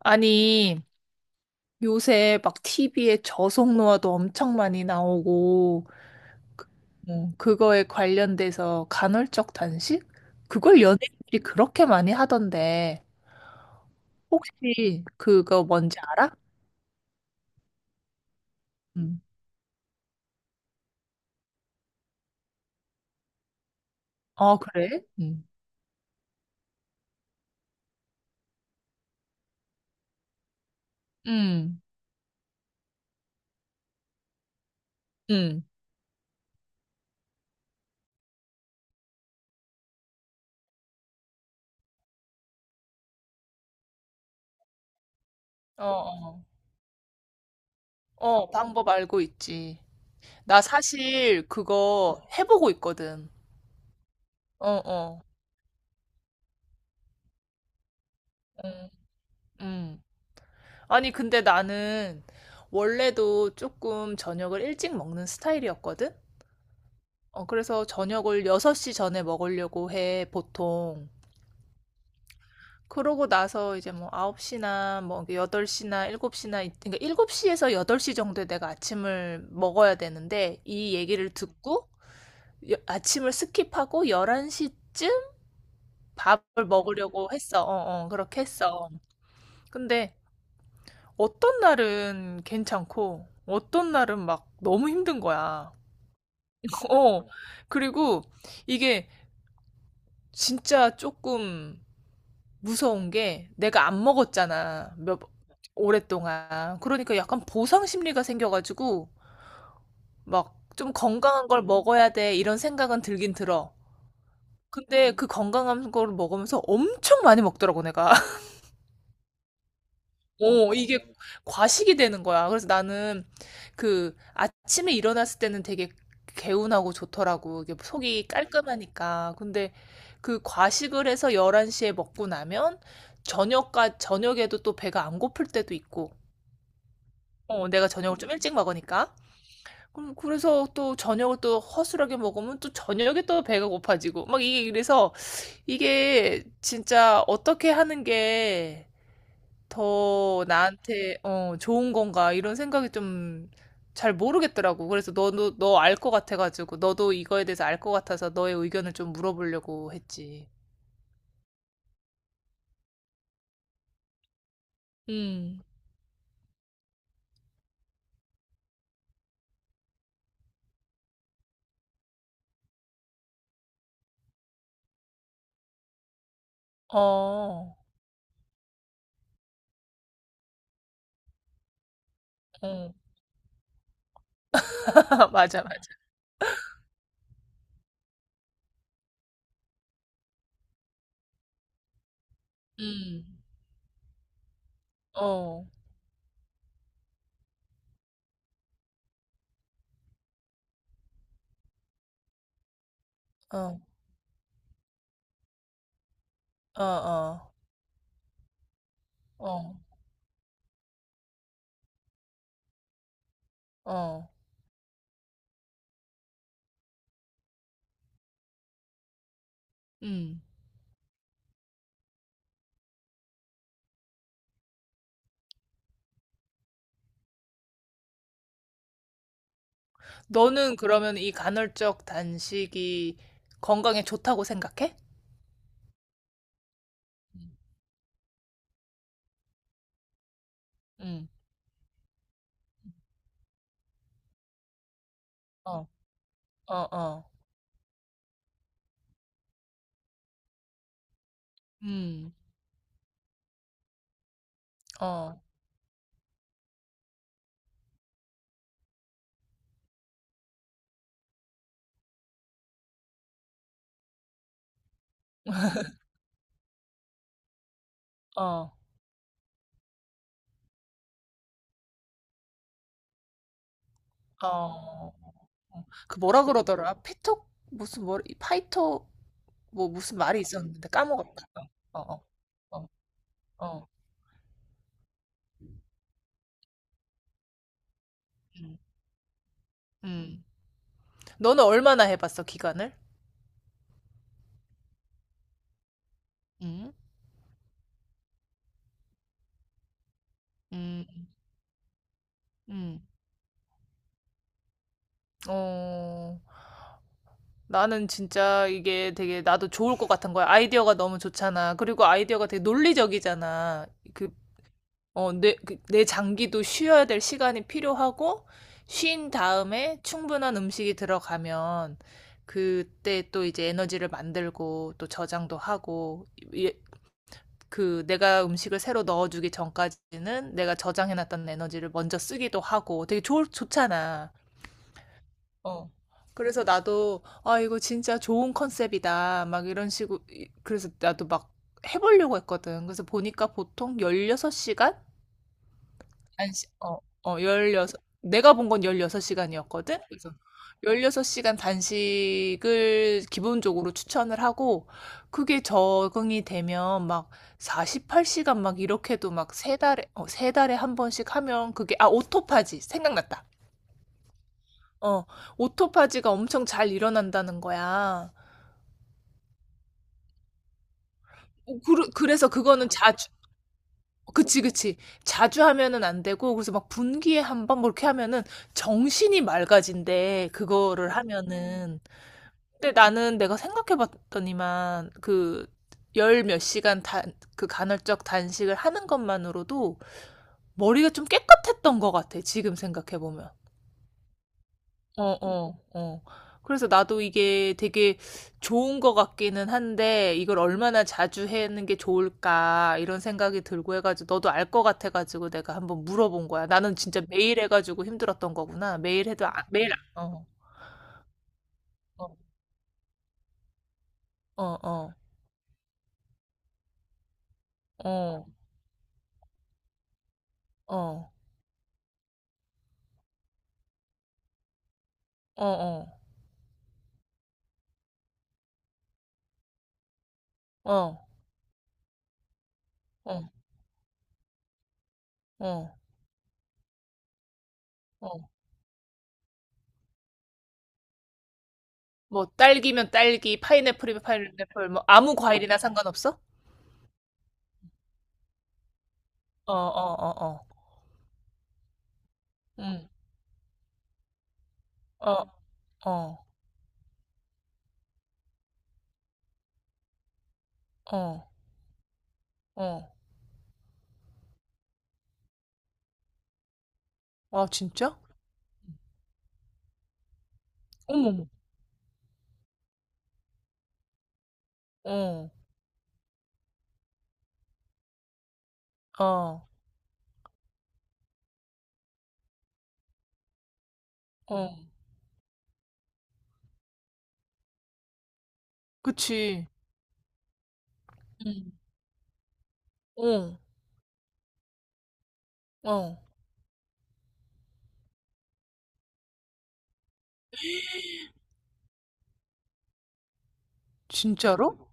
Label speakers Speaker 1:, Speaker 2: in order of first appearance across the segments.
Speaker 1: 아니, 요새 막 TV에 저속노화도 엄청 많이 나오고, 그거에 관련돼서 간헐적 단식? 그걸 연예인들이 그렇게 많이 하던데, 혹시 그거 뭔지 알아? 아, 어, 그래? 응. 응, 응. 어, 어. 어, 방법 알고 있지. 나 사실 그거 해보고 있거든. 어, 어. 응, 응. 아니, 근데 나는 원래도 조금 저녁을 일찍 먹는 스타일이었거든? 어, 그래서 저녁을 6시 전에 먹으려고 해, 보통. 그러고 나서 이제 뭐 9시나 뭐 8시나 7시나, 그러니까 7시에서 8시 정도에 내가 아침을 먹어야 되는데, 이 얘기를 듣고 아침을 스킵하고 11시쯤 밥을 먹으려고 했어. 어, 어, 그렇게 했어. 근데 어떤 날은 괜찮고, 어떤 날은 막 너무 힘든 거야. 어, 그리고 이게 진짜 조금 무서운 게 내가 안 먹었잖아. 몇, 오랫동안. 그러니까 약간 보상 심리가 생겨가지고 막 좀 건강한 걸 먹어야 돼 이런 생각은 들긴 들어. 근데 그 건강한 걸 먹으면서 엄청 많이 먹더라고, 내가. 어, 이게 과식이 되는 거야. 그래서 나는 그 아침에 일어났을 때는 되게 개운하고 좋더라고. 이게 속이 깔끔하니까. 근데 그 과식을 해서 11시에 먹고 나면 저녁에도 또 배가 안 고플 때도 있고. 어, 내가 저녁을 좀 일찍 먹으니까. 그럼 그래서 또 저녁을 또 허술하게 먹으면 또 저녁에 또 배가 고파지고. 막 이게 그래서 이게 진짜 어떻게 하는 게 더 나한테 어, 좋은 건가 이런 생각이 좀 잘 모르겠더라고. 그래서 너도 너 알 것 같아가지고 너도 이거에 대해서 알 것 같아서 너의 의견을 좀 물어보려고 했지. 음. 어. 어. 맞아, 맞아. 음. 어. 어. 어. 어. 어. 어. 음. 너는 그러면 이 간헐적 단식이 건강에 좋다고 생각해? 음. 음. 어. 어. 어. 음. 어. 어. 어. 그 뭐라 그러더라? 피터 무슨 뭐 파이터 뭐 무슨 말이 있었는데 까먹었다. 어, 어, 어, 어. 음. 음. 너는 얼마나 해봤어, 기간을? 음. 음. 음. 어. 나는 진짜 이게 되게 나도 좋을 것 같은 거야. 아이디어가 너무 좋잖아. 그리고 아이디어가 되게 논리적이잖아. 그 어, 내 장기도 쉬어야 될 시간이 필요하고, 쉰 다음에 충분한 음식이 들어가면, 그때 또 이제 에너지를 만들고, 또 저장도 하고, 예- 그 내가 음식을 새로 넣어주기 전까지는 내가 저장해놨던 에너지를 먼저 쓰기도 하고, 되게 좋잖아. 어. 그래서 나도, 아, 이거 진짜 좋은 컨셉이다. 막 이런 식으로, 이- 그래서 나도 막 해보려고 했거든. 그래서 보니까 보통 16시간? 어, 어, 여섯 내가 본 건 16시간이었거든? 그래서 16시간 단식을 기본적으로 추천을 하고, 그게 적응이 되면 막 48시간 막 이렇게도 막 세 달에, 어, 세 달에 한 번씩 하면 그게, 아, 오토파지. 생각났다. 어, 오토파지가 엄청 잘 일어난다는 거야. 어, 그래서 그거는 그치, 그치. 자주 하면은 안 되고, 그래서 막 분기에 한 번, 뭐 이렇게 하면은 정신이 맑아진대, 그거를 하면은. 근데 나는 내가 생각해 봤더니만, 그, 열 몇 시간 그 간헐적 단식을 하는 것만으로도 머리가 좀 깨끗했던 것 같아, 지금 생각해 보면. 어, 어, 어. 그래서 나도 이게 되게 좋은 것 같기는 한데, 이걸 얼마나 자주 하는 게 좋을까, 이런 생각이 들고 해가지고, 너도 알 것 같아가지고 내가 한번 물어본 거야. 나는 진짜 매일 해가지고 힘들었던 거구나. 매일 해도, 아- 매일, 안- 어, 어, 어, 어, 어, 어, 어, 어, 어, 어, 어, 어. 뭐, 딸기면 딸기, 파인애플이면 파인애플, 뭐, 아무 과일이나 상관없어? 어, 어, 어, 어. 응, 어, 어, 어, 어. 아, 진짜? 어머, 어, 아, 어, 음, 그치. 응. 어, 어, 진짜로?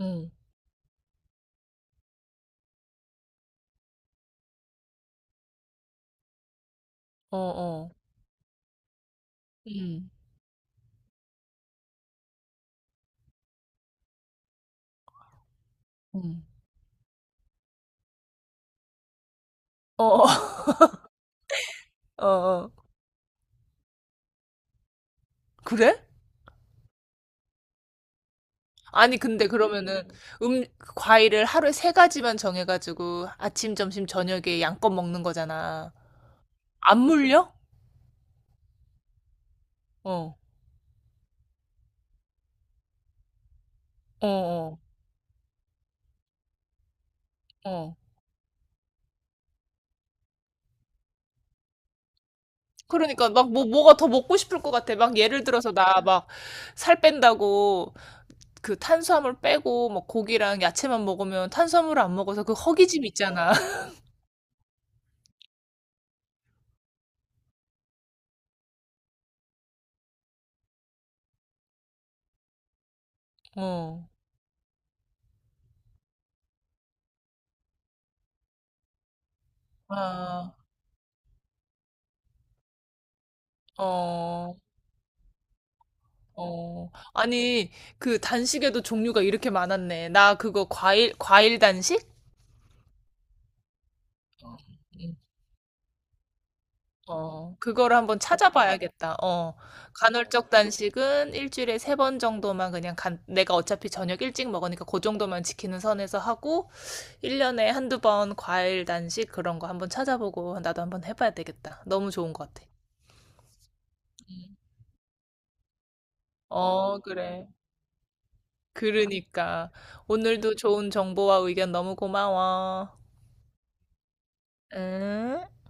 Speaker 1: 응. 어, 어, 응. 응. 어, 어, 어. 어. 그래? 아니, 근데 그러면은 음, 과일을 하루에 세 가지만 정해가지고 아침, 점심, 저녁에 양껏 먹는 거잖아. 안 물려? 어, 어, 어, 어. 그러니까 막 뭐, 뭐가 더 먹고 싶을 것 같아. 막 예를 들어서 나 막 살 뺀다고 그 탄수화물 빼고 뭐 고기랑 야채만 먹으면 탄수화물을 안 먹어서 그 허기짐 있잖아. 어. 아. 어. 어. 아니, 그 단식에도 종류가 이렇게 많았네. 나 그거 과일 단식? 어. 음. 어. 그거를 한번 찾아봐야겠다. 어. 간헐적 단식은 일주일에 세 번 정도만 그냥 간, 내가 어차피 저녁 일찍 먹으니까 그 정도만 지키는 선에서 하고 1년에 한두 번 과일 단식 그런 거 한번 찾아보고 나도 한번 해봐야 되겠다. 너무 좋은 것 같아. 어, 그래. 그러니까. 오늘도 좋은 정보와 의견 너무 고마워. 응?